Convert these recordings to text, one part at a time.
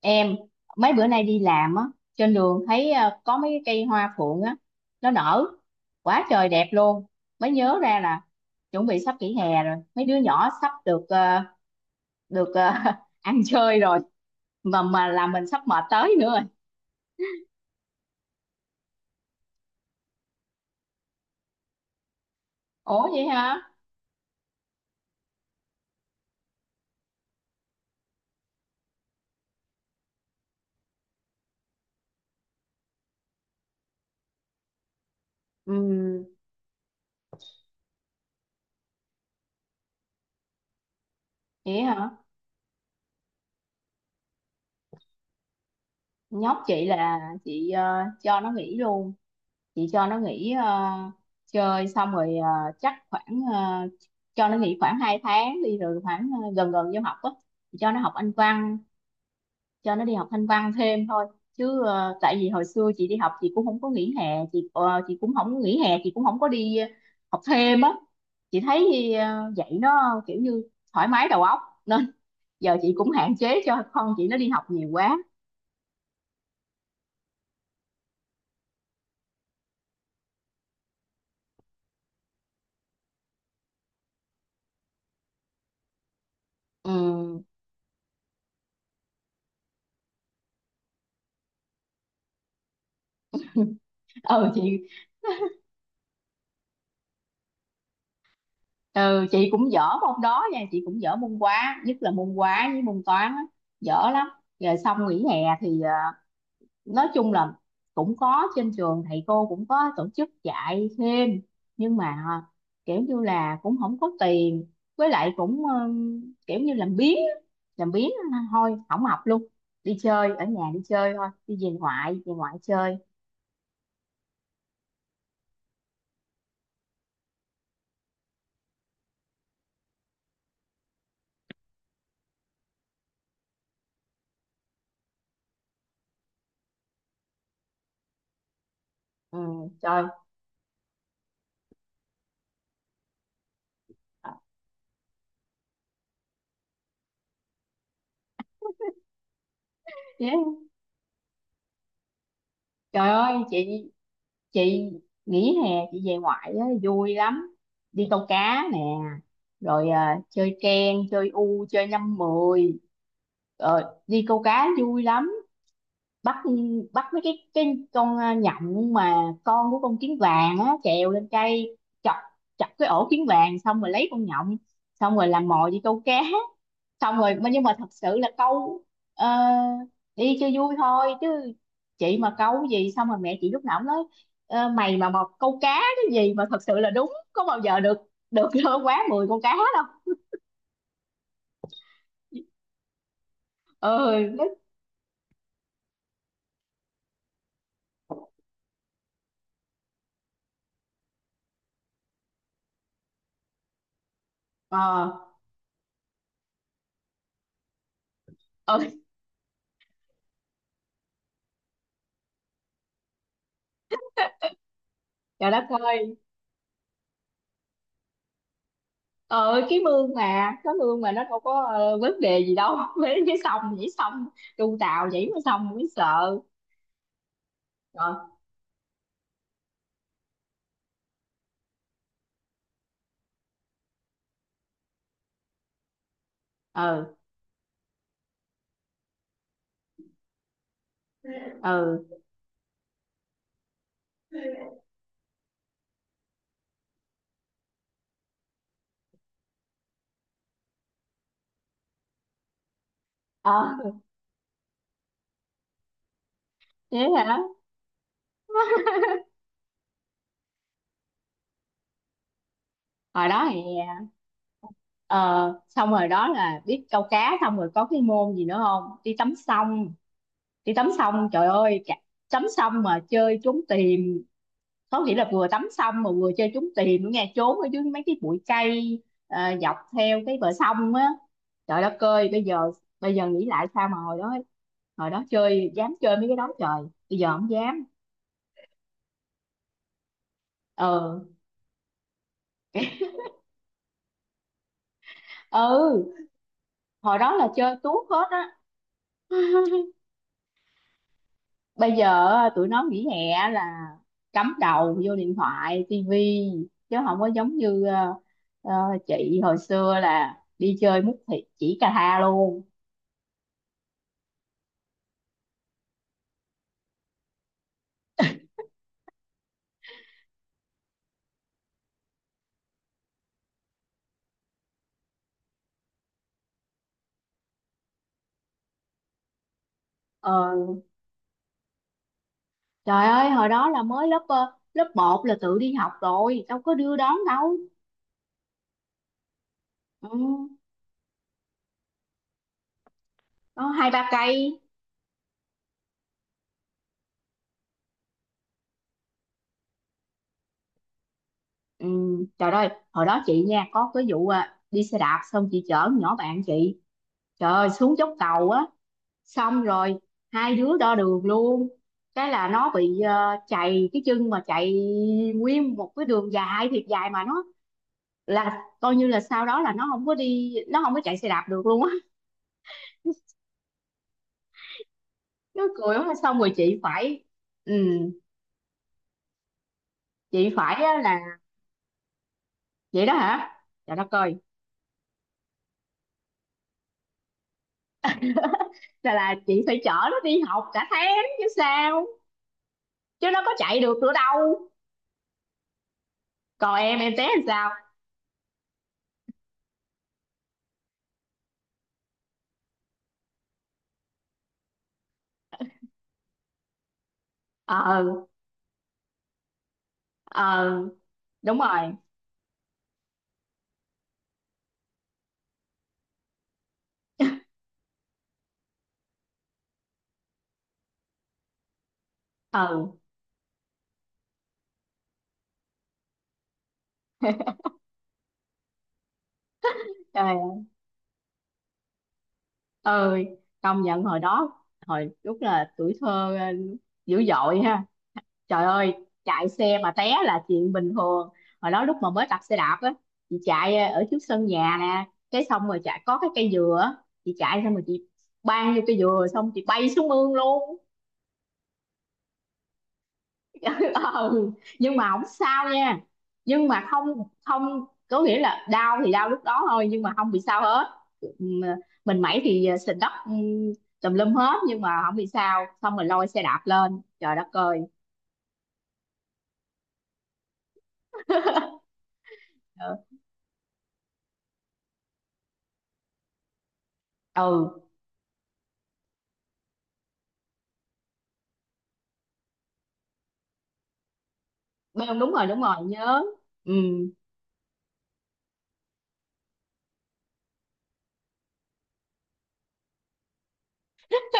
Em mấy bữa nay đi làm á, trên đường thấy có mấy cái cây hoa phượng á, nó nở quá trời đẹp luôn. Mới nhớ ra là chuẩn bị sắp nghỉ hè rồi, mấy đứa nhỏ sắp được ăn chơi rồi. Mà làm mình sắp mệt tới nữa rồi. Ủa vậy hả? Ừ vậy hả? Nhóc chị là chị cho nó nghỉ luôn, chị cho nó nghỉ chơi xong rồi, chắc khoảng, cho nó nghỉ khoảng 2 tháng đi rồi khoảng gần gần vô học á, chị cho nó học Anh văn, cho nó đi học Anh văn thêm thôi. Chứ tại vì hồi xưa chị đi học chị cũng không có nghỉ hè, chị cũng không nghỉ hè, chị cũng không có đi học thêm á. Chị thấy vậy nó kiểu như thoải mái đầu óc, nên giờ chị cũng hạn chế cho con chị nó đi học nhiều quá. Ừ. Ừ chị. Ừ chị cũng dở môn đó nha, chị cũng dở môn hóa, nhất là môn hóa với môn toán á, dở lắm. Rồi xong nghỉ hè thì nói chung là cũng có trên trường thầy cô cũng có tổ chức dạy thêm, nhưng mà kiểu như là cũng không có tiền, với lại cũng kiểu như làm biếng á, thôi không học luôn, đi chơi, ở nhà đi chơi thôi, đi về ngoại, về ngoại chơi. Ừ. Trời. Dạ. Trời ơi chị nghỉ hè chị về ngoại á, vui lắm, đi câu cá nè, rồi à, chơi ken, chơi u, chơi năm mười. Đi câu cá vui lắm. Bắt, bắt mấy cái con à, nhộng mà, con của con kiến vàng á, trèo lên cây chọc, chọc cái ổ kiến vàng, xong rồi lấy con nhộng, xong rồi làm mồi đi câu cá. Xong rồi nhưng mà thật sự là câu ờ, đi cho vui thôi, chứ chị mà câu gì xong rồi mẹ chị lúc nào cũng nói: "Ờ, mày mà một câu cá cái gì mà thật sự là đúng có bao giờ được được quá 10 con cá đâu." Ơi nó. Ờ. Ơi. Trời đất ơi. Cái mương mà nó đâu có vấn đề gì đâu với cái sông, nhảy sông, tu tàu nhảy mới sông mới sợ. Rồi. Ừ. Ừ. Ờ. Thế hả? Hồi đó hè. Ờ, xong rồi đó là biết câu cá, xong rồi có cái môn gì nữa không, đi tắm sông. Đi tắm sông trời ơi, tắm sông mà chơi trốn tìm, có nghĩa là vừa tắm sông mà vừa chơi trốn tìm nữa nghe, trốn ở dưới mấy cái bụi cây dọc theo cái bờ sông á. Trời đất ơi, bây giờ nghĩ lại sao mà hồi đó, chơi dám chơi mấy cái đó, trời, bây giờ không dám. Ờ. Ừ. Hồi đó là chơi tuốt hết á. Bây giờ á, tụi nó nghỉ hè là cắm đầu vô điện thoại, tivi, chứ không có giống như ờ, chị hồi xưa là đi chơi mút thịt chỉ cà tha luôn. Ờ, trời ơi hồi đó là mới lớp lớp một là tự đi học rồi, đâu có đưa đón đâu. Ừ, có 2-3 cây. Ừ, trời ơi hồi đó chị nha, có cái vụ đi xe đạp, xong chị chở con nhỏ bạn chị, trời ơi, xuống dốc cầu á, xong rồi hai đứa đo đường luôn. Cái là nó bị chạy cái chân mà chạy nguyên một cái đường dài thiệt dài mà nó là coi như là sau đó là nó không có chạy xe đạp được luôn á. Nó cười quá xong rồi chị phải. Ừ, chị phải á là vậy đó hả, trời đất ơi, là chị phải chở nó đi học cả tháng chứ sao, chứ nó có chạy được nữa đâu. Còn em té làm sao? Ờ. Ờ. Đúng rồi. Ừ. Ừ. Công nhận hồi đó, hồi lúc là tuổi thơ dữ dội ha. Trời ơi, chạy xe mà té là chuyện bình thường. Hồi đó lúc mà mới tập xe đạp á, chị chạy ở trước sân nhà nè, cái xong rồi chạy có cái cây dừa á, chị chạy xong rồi chị bang vô cây dừa, xong chị bay xuống mương luôn. Ừ. Nhưng mà không sao nha, nhưng mà không không có nghĩa là đau thì đau lúc đó thôi nhưng mà không bị sao hết. Ừm, mình mẩy thì sình đất, tùm lum hết nhưng mà không bị sao, xong rồi lôi xe đạp lên, trời đất ơi. Ừ. Ừ, đúng rồi, đúng rồi, nhớ. Ừ.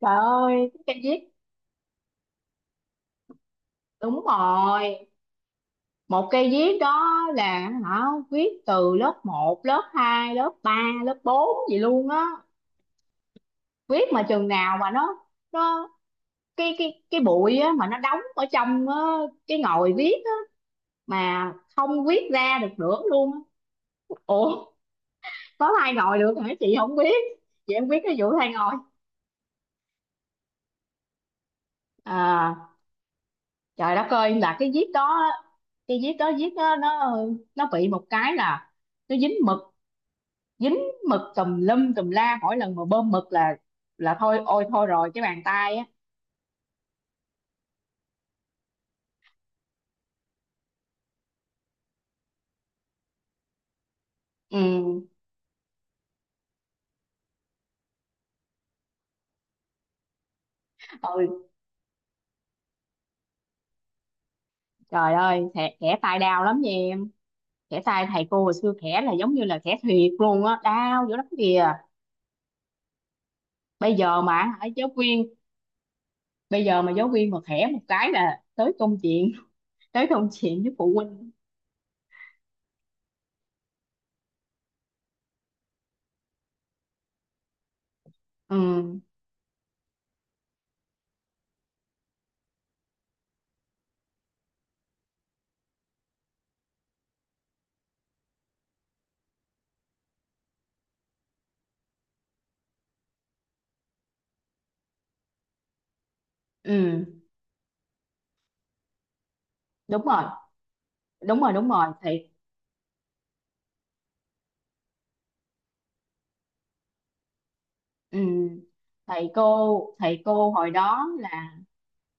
Trời ơi cái cây viết, đúng rồi, một cây viết đó là, hả, viết từ lớp một, lớp hai, lớp ba, lớp 4 gì luôn á. Viết mà chừng nào mà nó cái bụi á mà nó đóng ở trong á, cái ngòi viết á, mà không viết ra được nữa luôn á. Ủa, có thay ngồi được hả chị, không biết, chị không biết cái vụ thay ngồi. À trời đất ơi là cái viết đó á, cái viết đó, nó bị một cái là nó dính mực, dính mực tùm lum tùm la, mỗi lần mà bơm mực là thôi, ôi thôi rồi, cái bàn tay á. Ừ. Ôi. Trời ơi, thẻ tay đau lắm nha, khẽ tay thầy cô hồi xưa khẽ là giống như là khẽ thiệt luôn á, đau dữ lắm kìa, bây giờ mà. Hả, giáo viên, bây giờ mà giáo viên mà khẽ một cái là tới công chuyện. Tới công chuyện với phụ huynh. Ừ. Ừ. Đúng rồi. Đúng rồi, đúng rồi thầy. Ừ. Thầy cô, thầy cô hồi đó là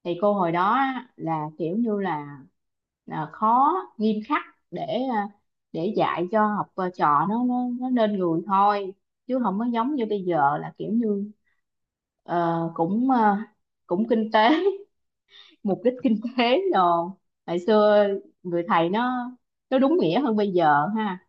thầy cô hồi đó á, là kiểu như là, khó, nghiêm khắc, để à, để dạy cho học trò nó nên người thôi, chứ không có giống như bây giờ là kiểu như. Ờ, cũng ờ, cũng kinh tế. Mục đích kinh tế rồi, ngày xưa người thầy nó đúng nghĩa hơn bây giờ ha.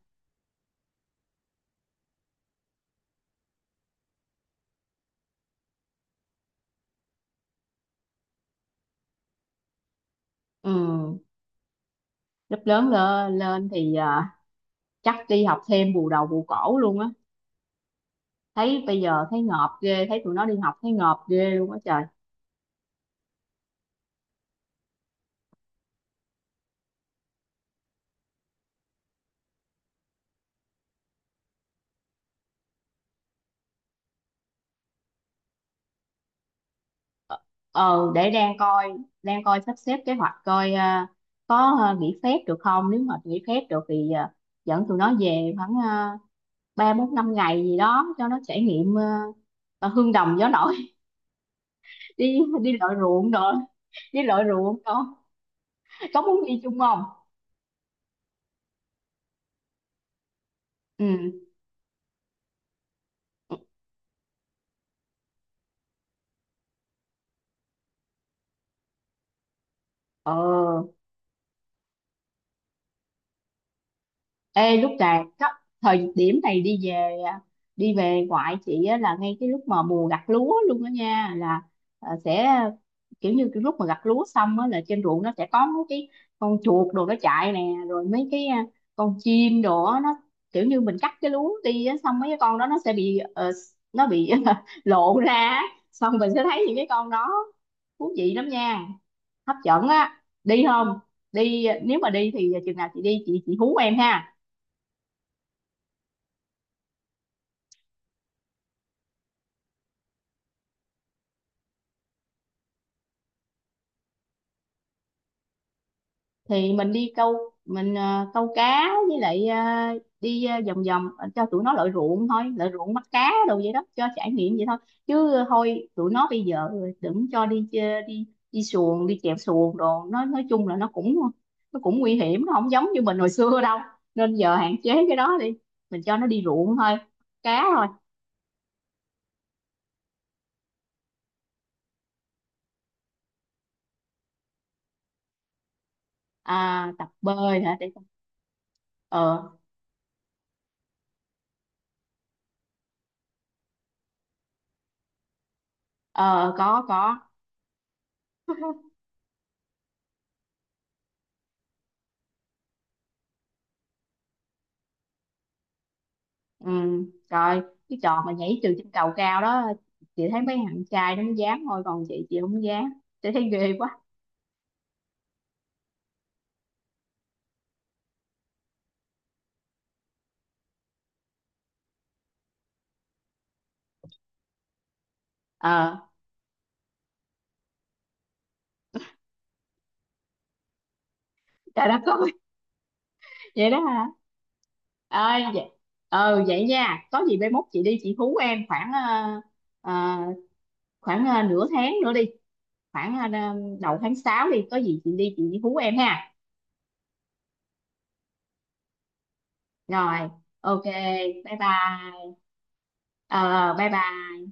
Ừ, lớp lớn lên, thì chắc đi học thêm bù đầu bù cổ luôn á. Thấy bây giờ thấy ngợp ghê, thấy tụi nó đi học thấy ngợp ghê luôn á, trời. Ờ, để đang coi, sắp xếp kế hoạch, coi có nghỉ phép được không, nếu mà nghỉ phép được thì dẫn tụi nó về khoảng 3-4-5 ngày gì đó, cho nó trải nghiệm hương đồng gió nổi. Đi đi lội ruộng rồi, đi lội ruộng con, có muốn đi chung không? Ừ. Ờ. Ê, lúc là thời điểm này đi về, đi về ngoại chị á, là ngay cái lúc mà mùa gặt lúa luôn đó nha, là sẽ kiểu như cái lúc mà gặt lúa xong á, là trên ruộng nó sẽ có mấy cái con chuột đồ nó chạy nè, rồi mấy cái con chim đồ á, nó kiểu như mình cắt cái lúa đi á, xong mấy cái con đó nó sẽ bị nó bị lộ ra á. Xong mình sẽ thấy những cái con đó thú vị lắm nha, hấp dẫn á, đi không? Đi nếu mà đi thì chừng nào chị đi chị hú em ha. Thì mình đi câu, mình câu cá, với lại đi vòng vòng, cho tụi nó lội ruộng thôi, lội ruộng bắt cá đồ vậy đó, cho trải nghiệm vậy thôi, chứ thôi tụi nó bây giờ đừng cho đi đi xuồng đi chèo xuồng đồ, nó nói chung là nó cũng nguy hiểm, nó không giống như mình hồi xưa đâu, nên giờ hạn chế cái đó đi, mình cho nó đi ruộng thôi, cá thôi. À, tập bơi hả, để. Ờ. Ờ, có có. Ừ. Rồi cái trò mà nhảy từ trên cầu cao đó, chị thấy mấy thằng trai nó mới dám thôi, còn chị, không dám, chị thấy ghê quá. Ờ. Trời đất ơi. Vậy đó hả. Ơi vậy. Ờ vậy nha, có gì mai mốt chị đi chị hú em khoảng ờ, khoảng nửa tháng nữa đi, khoảng đầu tháng 6 đi, có gì chị đi chị hú em ha. Rồi. OK. Bye bye. Ờ bye bye.